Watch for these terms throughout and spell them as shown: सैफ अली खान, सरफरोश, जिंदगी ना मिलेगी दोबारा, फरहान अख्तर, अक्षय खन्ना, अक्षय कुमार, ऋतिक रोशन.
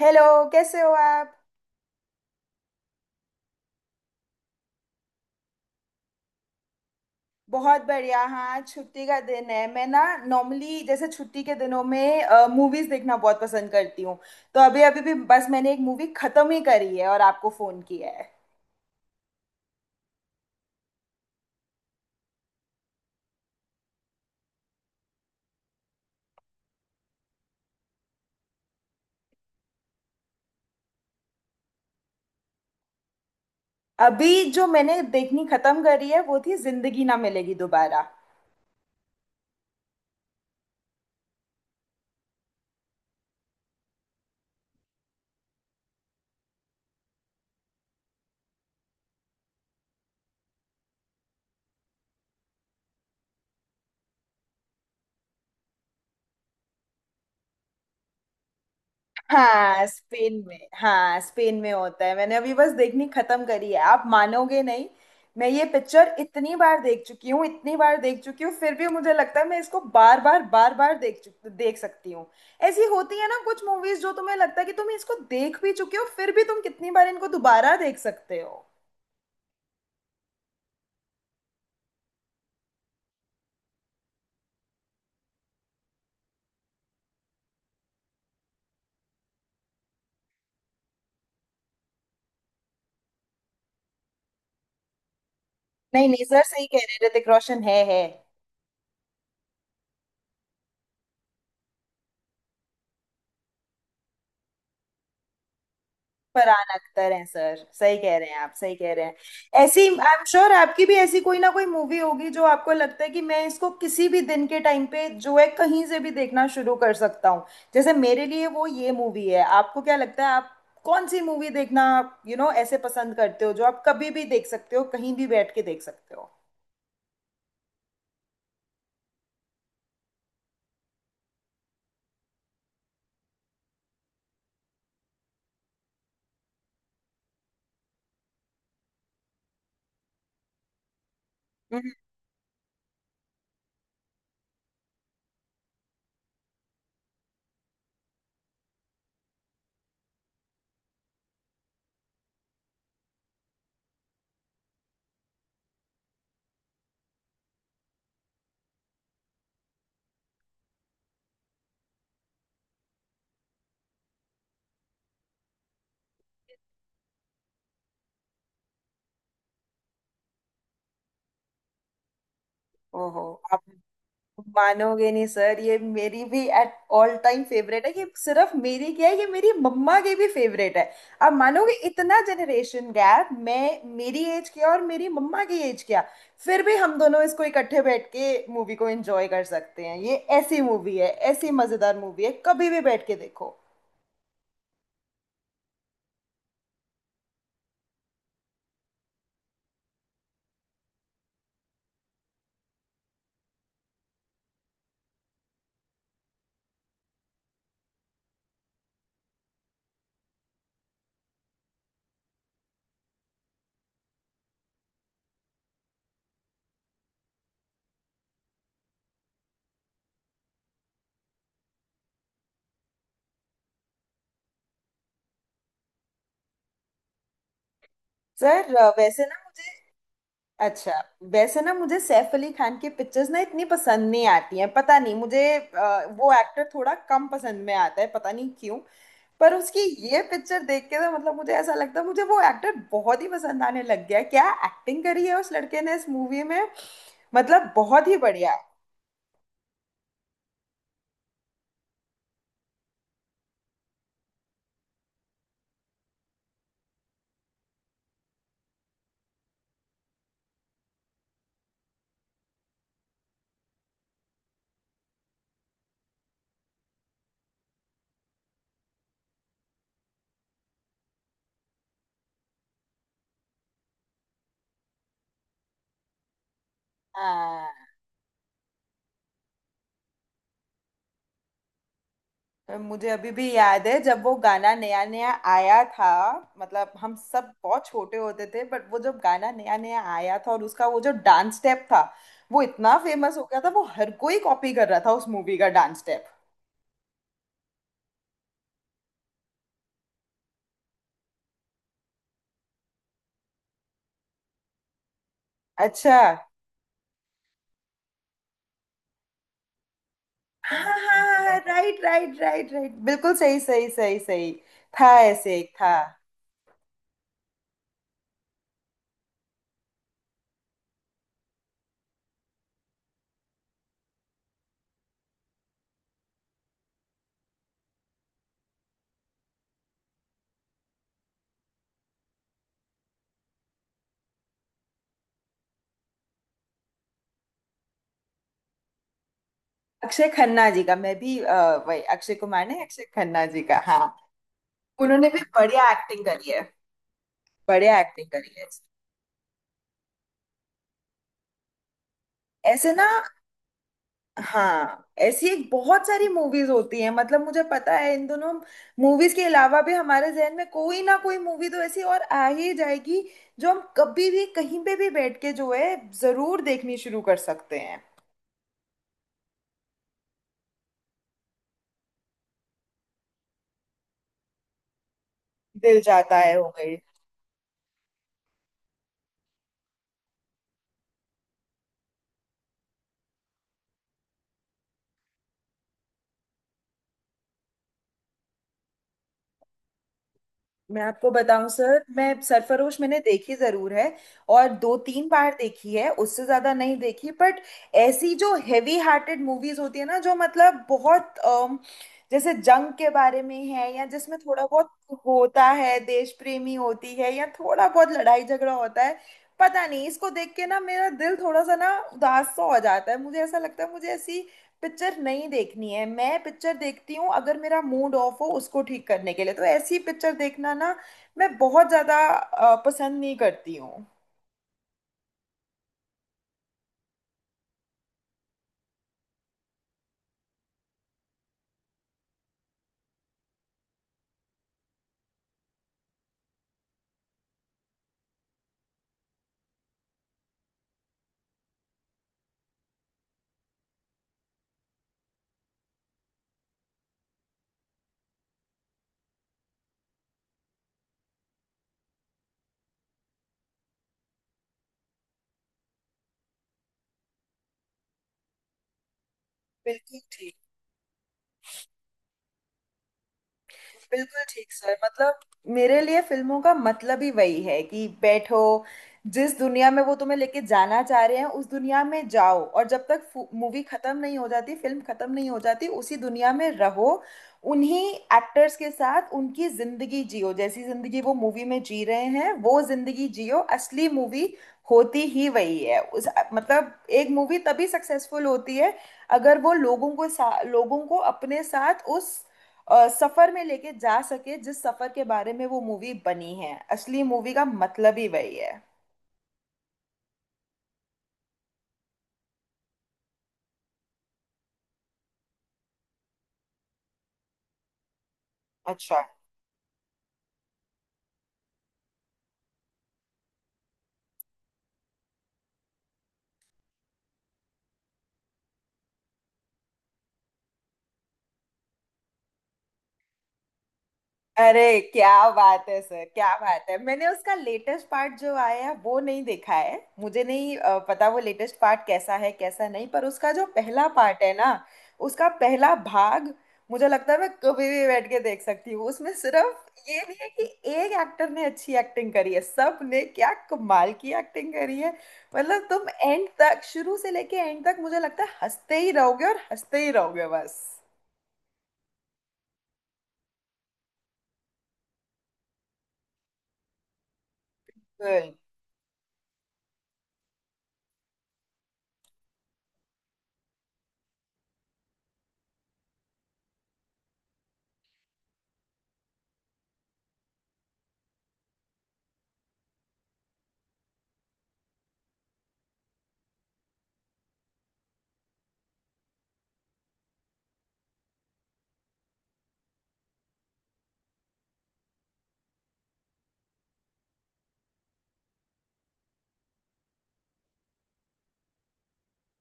Hello. कैसे हो आप? बहुत बढ़िया। हाँ, आज छुट्टी का दिन है। मैं ना नॉर्मली जैसे छुट्टी के दिनों में मूवीज देखना बहुत पसंद करती हूँ। तो अभी अभी भी बस मैंने एक मूवी खत्म ही करी है और आपको फोन किया है। अभी जो मैंने देखनी खत्म करी है वो थी जिंदगी ना मिलेगी दोबारा। हाँ, स्पेन में, हाँ स्पेन में होता है। मैंने अभी बस देखनी खत्म करी है, आप मानोगे नहीं। मैं ये पिक्चर इतनी बार देख चुकी हूँ, इतनी बार देख चुकी हूँ, फिर भी मुझे लगता है मैं इसको बार बार बार बार देख सकती हूँ। ऐसी होती है ना कुछ मूवीज, जो तुम्हें लगता है कि तुम इसको देख भी चुके हो, फिर भी तुम कितनी बार इनको दोबारा देख सकते हो। नहीं नहीं सर, सही कह रहे हैं, ऋतिक रोशन है। फरहान अख्तर हैं सर, सही कह रहे हैं, आप सही कह रहे हैं। ऐसी, आई एम श्योर आपकी भी ऐसी कोई ना कोई मूवी होगी जो आपको लगता है कि मैं इसको किसी भी दिन के टाइम पे जो है कहीं से भी देखना शुरू कर सकता हूँ। जैसे मेरे लिए वो ये मूवी है। आपको क्या लगता है, आप कौन सी मूवी देखना ऐसे पसंद करते हो, जो आप कभी भी देख सकते हो, कहीं भी बैठ के देख सकते हो? हम्म। ओहो। आप मानोगे नहीं सर, ये मेरी भी एट ऑल टाइम फेवरेट है। ये सिर्फ मेरी क्या है, ये मेरी मम्मा की भी फेवरेट है। अब मानोगे, इतना जनरेशन गैप, मैं, मेरी एज क्या और मेरी मम्मा की एज क्या। फिर भी हम दोनों इसको इकट्ठे बैठ के मूवी को एंजॉय कर सकते हैं। ये ऐसी मूवी है, ऐसी मजेदार मूवी है, कभी भी बैठ के देखो। सर, वैसे ना, अच्छा, वैसे ना, मुझे सैफ अली खान की पिक्चर्स ना इतनी पसंद नहीं आती हैं, पता नहीं मुझे, वो एक्टर थोड़ा कम पसंद में आता है, पता नहीं क्यों। पर उसकी ये पिक्चर देख के तो मतलब मुझे ऐसा लगता है मुझे वो एक्टर बहुत ही पसंद आने लग गया। क्या एक्टिंग करी है उस लड़के ने इस मूवी में, मतलब बहुत ही बढ़िया। हाँ। मुझे अभी भी याद है जब वो गाना नया नया आया था, मतलब हम सब बहुत छोटे होते थे, बट वो जब गाना नया नया आया था और उसका वो जो डांस स्टेप था, वो इतना फेमस हो गया था, वो हर कोई कॉपी कर रहा था उस मूवी का डांस स्टेप। अच्छा। हाँ, राइट राइट राइट राइट, बिल्कुल सही सही सही सही। था, ऐसे एक था। अक्षय खन्ना जी का, मैं भी, वही, अक्षय कुमार ने, अक्षय खन्ना जी का, हाँ। उन्होंने भी बढ़िया एक्टिंग करी है, बढ़िया एक्टिंग करी है। ऐसे ना, हाँ, ऐसी एक बहुत सारी मूवीज होती हैं, मतलब मुझे पता है इन दोनों मूवीज के अलावा भी हमारे जहन में कोई ना कोई मूवी तो ऐसी और आ ही जाएगी, जो हम कभी भी कहीं पे भी बैठ के जो है, जरूर देखनी शुरू कर सकते हैं। दिल जाता है, हो गई। मैं आपको बताऊं सर, मैं सरफरोश मैंने देखी जरूर है, और 2-3 बार देखी है, उससे ज्यादा नहीं देखी, बट ऐसी जो हेवी हार्टेड मूवीज होती है ना, जो मतलब बहुत जैसे जंग के बारे में है या जिसमें थोड़ा बहुत होता है, देश प्रेमी होती है, या थोड़ा बहुत लड़ाई झगड़ा होता है, पता नहीं इसको देख के ना मेरा दिल थोड़ा सा ना उदास सा हो जाता है। मुझे ऐसा लगता है मुझे ऐसी पिक्चर नहीं देखनी है। मैं पिक्चर देखती हूँ अगर मेरा मूड ऑफ हो उसको ठीक करने के लिए, तो ऐसी पिक्चर देखना ना मैं बहुत ज्यादा पसंद नहीं करती हूँ। बिल्कुल ठीक। बिल्कुल ठीक सर, मतलब मेरे लिए फिल्मों का मतलब ही वही है कि बैठो, जिस दुनिया में वो तुम्हें लेके जाना चाह रहे हैं उस दुनिया में जाओ, और जब तक मूवी खत्म नहीं हो जाती, फिल्म खत्म नहीं हो जाती, उसी दुनिया में रहो, उन्हीं एक्टर्स के साथ उनकी जिंदगी जियो, जैसी जिंदगी वो मूवी में जी रहे हैं वो जिंदगी जियो। असली मूवी होती ही वही है उस, मतलब एक मूवी तभी सक्सेसफुल होती है अगर वो लोगों को लोगों को अपने साथ उस सफर में लेके जा सके, जिस सफर के बारे में वो मूवी बनी है। असली मूवी का मतलब ही वही है। अच्छा। अरे क्या बात है सर, क्या बात है, मैंने उसका लेटेस्ट पार्ट जो आया है वो नहीं देखा है, मुझे नहीं पता वो लेटेस्ट पार्ट कैसा है कैसा नहीं, पर उसका जो पहला पार्ट है ना, उसका पहला भाग, मुझे लगता है मैं कभी भी बैठ के देख सकती हूँ। उसमें सिर्फ ये नहीं है कि एक एक्टर ने अच्छी एक्टिंग करी है, सब ने क्या कमाल की एक्टिंग करी है। मतलब तुम एंड तक शुरू से लेके एंड तक, मुझे लगता है हंसते ही रहोगे और हंसते ही रहोगे बस।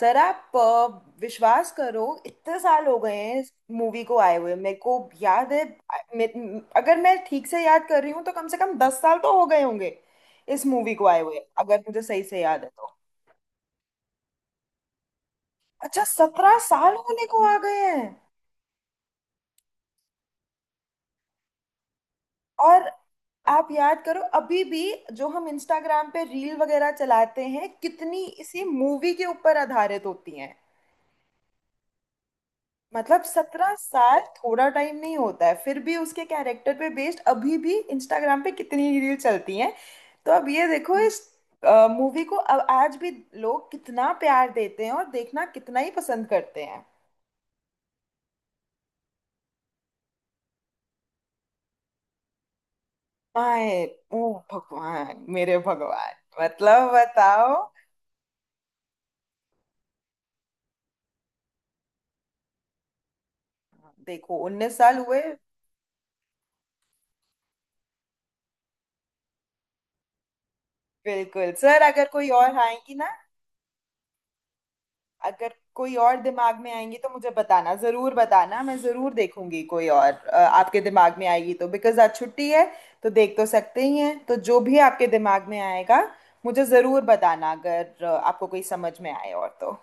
सर आप, विश्वास करो, इतने साल हो गए हैं इस मूवी को आए हुए। मेरे को याद है, अगर मैं ठीक से याद कर रही हूँ तो कम से कम 10 साल तो हो गए होंगे इस मूवी को आए हुए, अगर मुझे सही से याद है तो। अच्छा, 17 साल होने को आ गए हैं। और आप याद करो, अभी भी जो हम इंस्टाग्राम पे रील वगैरह चलाते हैं, कितनी इसी मूवी के ऊपर आधारित होती हैं। मतलब 17 साल थोड़ा टाइम नहीं होता है, फिर भी उसके कैरेक्टर पे बेस्ड अभी भी इंस्टाग्राम पे कितनी रील चलती हैं। तो अब ये देखो इस मूवी को, अब आज भी लोग कितना प्यार देते हैं और देखना कितना ही पसंद करते हैं। आए ओ भगवान, मेरे भगवान! मतलब बताओ। देखो 19 साल हुए। बिल्कुल सर, अगर कोई और आएंगी ना, अगर कोई और दिमाग में आएंगी तो मुझे बताना, जरूर बताना, मैं जरूर देखूंगी, कोई और आपके दिमाग में आएगी तो, बिकॉज आज छुट्टी है, तो देख तो सकते ही हैं। तो जो भी आपके दिमाग में आएगा मुझे जरूर बताना, अगर आपको कोई समझ में आए और तो।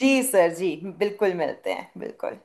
जी सर, जी बिल्कुल, मिलते हैं, बिल्कुल।